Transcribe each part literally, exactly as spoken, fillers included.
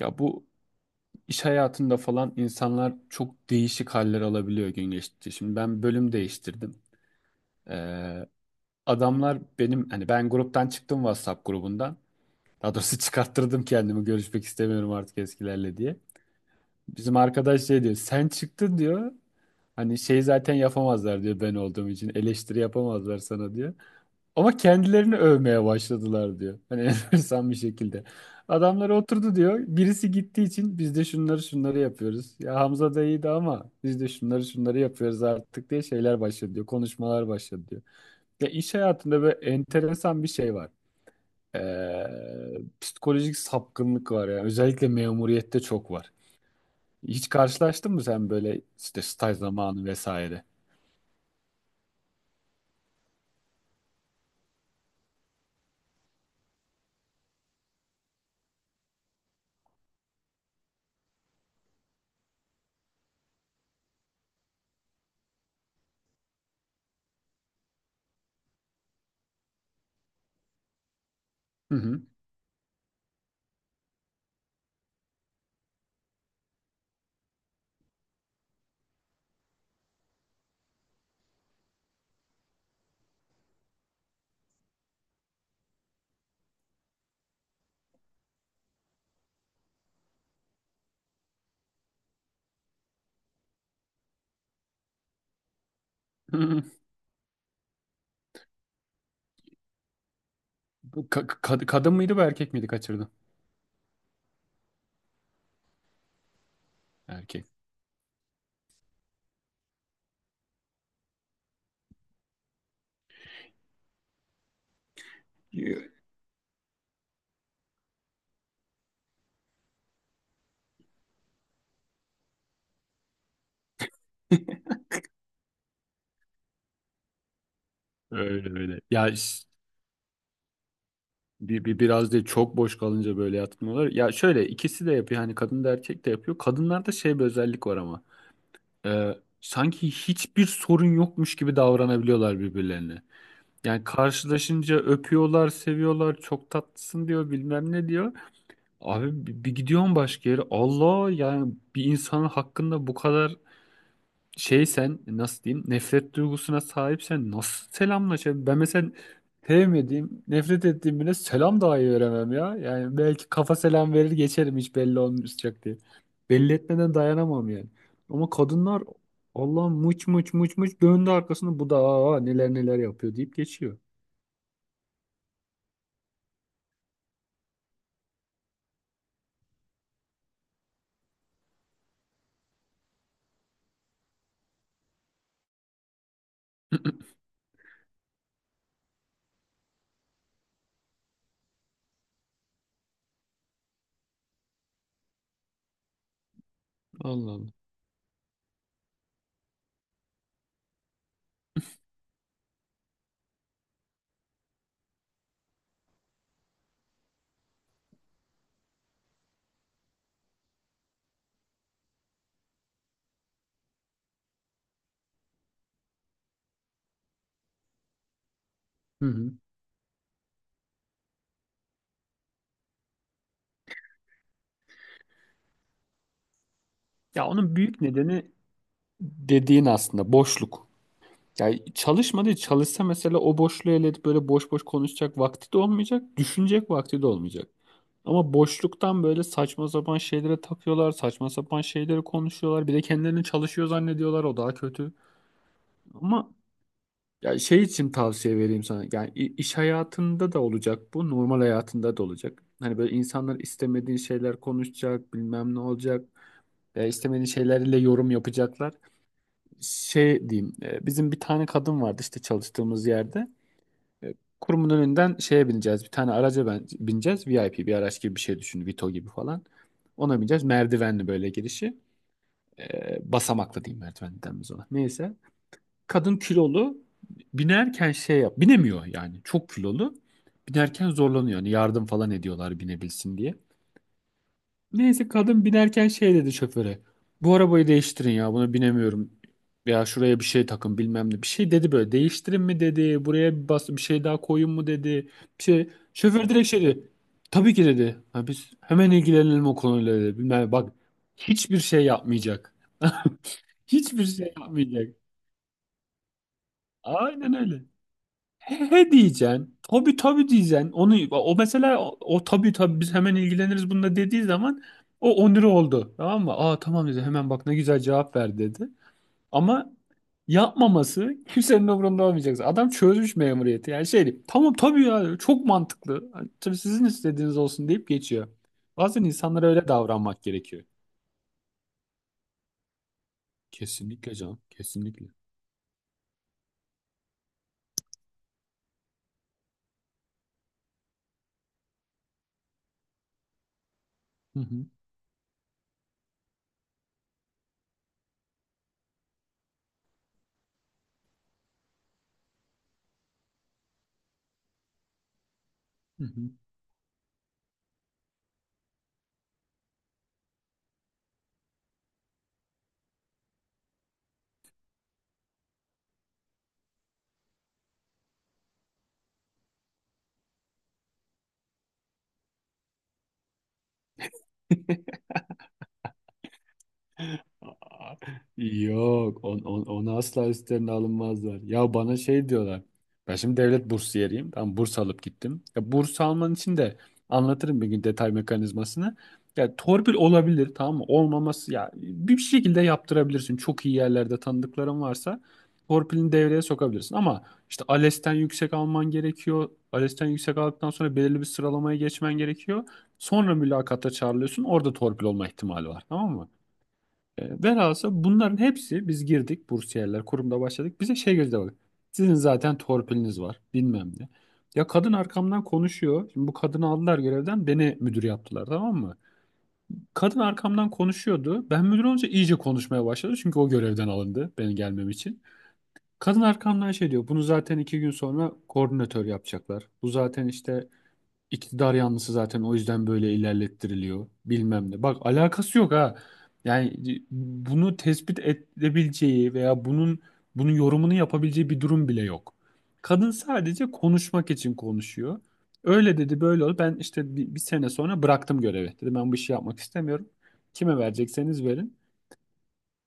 Ya bu iş hayatında falan insanlar çok değişik haller alabiliyor gün geçtikçe. Şimdi ben bölüm değiştirdim. Ee, adamlar benim hani ben gruptan çıktım WhatsApp grubundan. Daha doğrusu çıkarttırdım kendimi görüşmek istemiyorum artık eskilerle diye. Bizim arkadaş şey diyor sen çıktın diyor. Hani şey zaten yapamazlar diyor ben olduğum için eleştiri yapamazlar sana diyor. Ama kendilerini övmeye başladılar diyor. Hani enteresan bir şekilde. Adamlar oturdu diyor. Birisi gittiği için biz de şunları şunları yapıyoruz. Ya Hamza da iyiydi ama biz de şunları şunları yapıyoruz artık diye şeyler başladı diyor. Konuşmalar başladı diyor. Ya iş hayatında böyle enteresan bir şey var. Ee, psikolojik sapkınlık var ya. Özellikle memuriyette çok var. Hiç karşılaştın mı sen böyle işte staj zamanı vesaire? Hı hı. Bu ka- ka- kadın mıydı bu erkek miydi kaçırdın? Erkek. Öyle öyle. Ya iş- bir, bir biraz değil çok boş kalınca böyle yatmıyorlar. Ya şöyle ikisi de yapıyor. Hani kadın da erkek de yapıyor. Kadınlarda şey bir özellik var ama. Ee, sanki hiçbir sorun yokmuş gibi davranabiliyorlar birbirlerine. Yani karşılaşınca öpüyorlar, seviyorlar, çok tatlısın diyor, bilmem ne diyor. Abi bir, bir gidiyorsun başka yere. Allah yani bir insanın hakkında bu kadar şey sen nasıl diyeyim nefret duygusuna sahipsen nasıl selamlaşabilir? Ben mesela sevmediğim, nefret ettiğim birine selam dahi veremem ya. Yani belki kafa selam verir geçerim hiç belli olmayacak diye. Belli etmeden dayanamam yani. Ama kadınlar Allah muç muç muç muç döndü arkasını bu da aa, neler neler yapıyor deyip geçiyor. Allah Allah. Hı hı. Ya onun büyük nedeni dediğin aslında boşluk. Ya çalışmadı, çalışsa mesela o boşluğu elde edip böyle boş boş konuşacak vakti de olmayacak, düşünecek vakti de olmayacak. Ama boşluktan böyle saçma sapan şeylere takıyorlar, saçma sapan şeyleri konuşuyorlar. Bir de kendilerini çalışıyor zannediyorlar, o daha kötü. Ama ya şey için tavsiye vereyim sana. Yani i- iş hayatında da olacak bu, normal hayatında da olacak. Hani böyle insanlar istemediğin şeyler konuşacak, bilmem ne olacak. Ya istemediğin şeylerle yorum yapacaklar. Şey diyeyim, e, bizim bir tane kadın vardı işte çalıştığımız yerde. E, Kurumun önünden şeye bineceğiz. Bir tane araca ben, bineceğiz. VIP bir araç gibi bir şey düşün. Vito gibi falan. Ona bineceğiz. Merdivenli böyle girişi. E, basamaklı diyeyim merdivenli denmez ona. Neyse. Kadın kilolu. Binerken şey yap. Binemiyor yani. Çok kilolu. Binerken zorlanıyor. Yani yardım falan ediyorlar binebilsin diye. Neyse kadın binerken şey dedi şoföre. Bu arabayı değiştirin ya buna binemiyorum. Ya şuraya bir şey takın bilmem ne. Bir şey dedi böyle değiştirin mi dedi. Buraya bir bas bir şey daha koyun mu dedi. Bir şey. Şoför direkt şey dedi. Tabii ki dedi. Ha, biz hemen ilgilenelim o konuyla dedi. Bilmem ne. Bak hiçbir şey yapmayacak. Hiçbir şey yapmayacak. Aynen öyle. He he diyeceksin. Tabii tabii diyeceksin. Onu o mesela o, o tabii tabii biz hemen ilgileniriz bununla dediği zaman o onuru oldu. Tamam mı? Aa, tamam dedi. Hemen bak ne güzel cevap ver dedi. Ama yapmaması kimsenin umurunda olmayacak. Adam çözmüş memuriyeti. Yani şey tamam tabii ya çok mantıklı. Hani, tabii sizin istediğiniz olsun deyip geçiyor. Bazen insanlara öyle davranmak gerekiyor. Kesinlikle canım. Kesinlikle. Hı hı. Hı hı. Aa, Yok, on, on, onu asla üstlerine alınmazlar. Ya bana şey diyorlar. Ben şimdi devlet bursiyeriyim. Ben burs alıp gittim. Ya burs alman için de anlatırım bir gün detay mekanizmasını. Ya torpil olabilir tamam mı? Olmaması ya bir şekilde yaptırabilirsin. Çok iyi yerlerde tanıdıkların varsa torpilini devreye sokabilirsin. Ama işte ALES'ten yüksek alman gerekiyor. ALES'ten yüksek aldıktan sonra belirli bir sıralamaya geçmen gerekiyor. Sonra mülakata çağrılıyorsun. Orada torpil olma ihtimali var tamam mı? E, velhasıl bunların hepsi biz girdik bursiyerler kurumda başladık. Bize şey gözle bak. Sizin zaten torpiliniz var bilmem ne. Ya kadın arkamdan konuşuyor. Şimdi bu kadını aldılar görevden beni müdür yaptılar tamam mı? Kadın arkamdan konuşuyordu. Ben müdür olunca iyice konuşmaya başladı. Çünkü o görevden alındı benim gelmem için. Kadın arkamdan şey diyor. Bunu zaten iki gün sonra koordinatör yapacaklar. Bu zaten işte İktidar yanlısı zaten o yüzden böyle ilerlettiriliyor bilmem ne. Bak alakası yok ha. Yani bunu tespit edebileceği veya bunun bunun yorumunu yapabileceği bir durum bile yok. Kadın sadece konuşmak için konuşuyor. Öyle dedi böyle oldu. Ben işte bir, bir sene sonra bıraktım görevi. Dedim ben bu işi yapmak istemiyorum. Kime verecekseniz verin.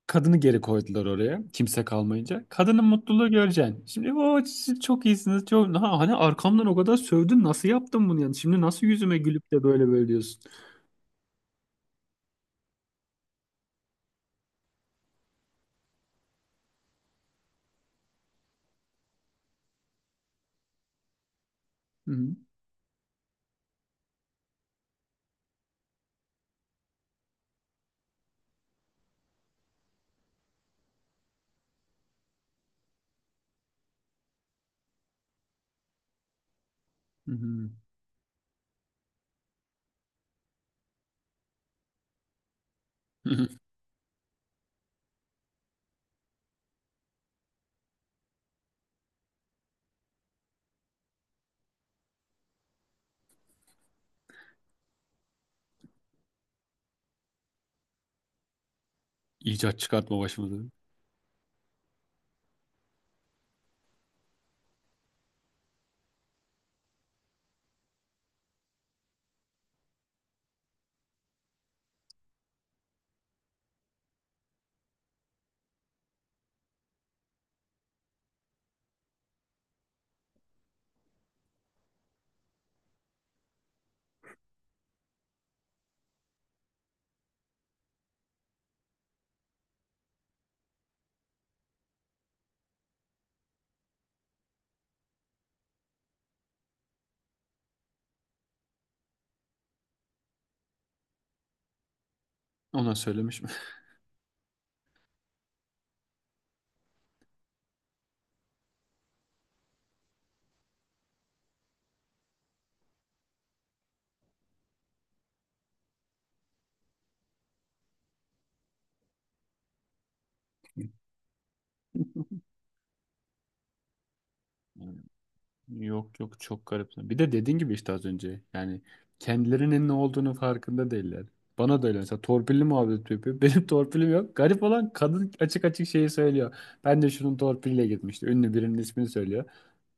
Kadını geri koydular oraya. Kimse kalmayınca. Kadının mutluluğu göreceksin. Şimdi o siz çok iyisiniz. Çok... Ha, hani arkamdan o kadar sövdün. Nasıl yaptın bunu yani? Şimdi nasıl yüzüme gülüp de böyle böyle diyorsun? Hı hı. Hı hı. Hı hı. İcat çıkartma başımıza. Ona söylemiş mi? Yok yok çok garip. Bir de dediğin gibi işte az önce yani kendilerinin ne olduğunu farkında değiller. Bana da öyle mesela torpilli muhabbet yapıyor. Benim torpilim yok. Garip olan kadın açık açık şeyi söylüyor. Ben de şunun torpiliyle gitmişti. Ünlü birinin ismini söylüyor.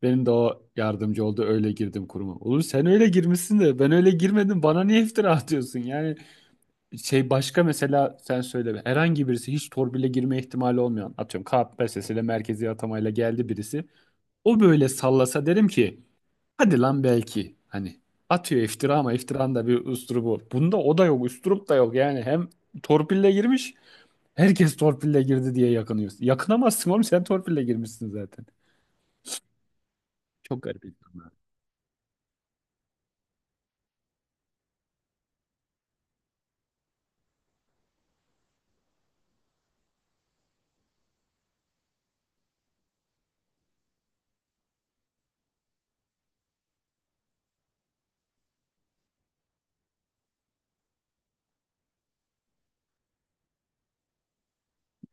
Benim de o yardımcı oldu öyle girdim kuruma. Oğlum sen öyle girmişsin de ben öyle girmedim bana niye iftira atıyorsun? Yani şey başka mesela sen söyle herhangi birisi hiç torpille girme ihtimali olmayan atıyorum K P S S ile merkezi atamayla geldi birisi. O böyle sallasa derim ki hadi lan belki hani atıyor iftira ama iftiranın da bir üslubu. Bunda o da yok, üslup da yok. Yani hem torpille girmiş, herkes torpille girdi diye yakınıyorsun. Yakınamazsın oğlum sen torpille girmişsin zaten. Çok garip.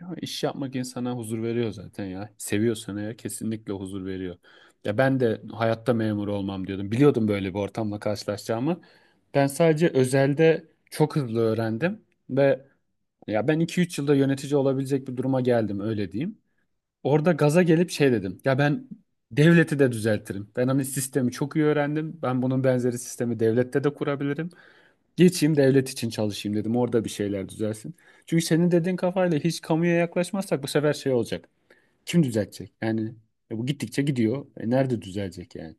Ya iş yapmak insana huzur veriyor zaten ya. Seviyorsan eğer kesinlikle huzur veriyor. Ya ben de hayatta memur olmam diyordum. Biliyordum böyle bir ortamla karşılaşacağımı. Ben sadece özelde çok hızlı öğrendim ve ya ben iki üç yılda yönetici olabilecek bir duruma geldim öyle diyeyim. Orada gaza gelip şey dedim. Ya ben devleti de düzeltirim. Ben hani sistemi çok iyi öğrendim. Ben bunun benzeri sistemi devlette de kurabilirim. Geçeyim devlet için çalışayım dedim. Orada bir şeyler düzelsin. Çünkü senin dediğin kafayla hiç kamuya yaklaşmazsak bu sefer şey olacak. Kim düzeltecek? Yani e bu gittikçe gidiyor. E nerede düzelecek yani?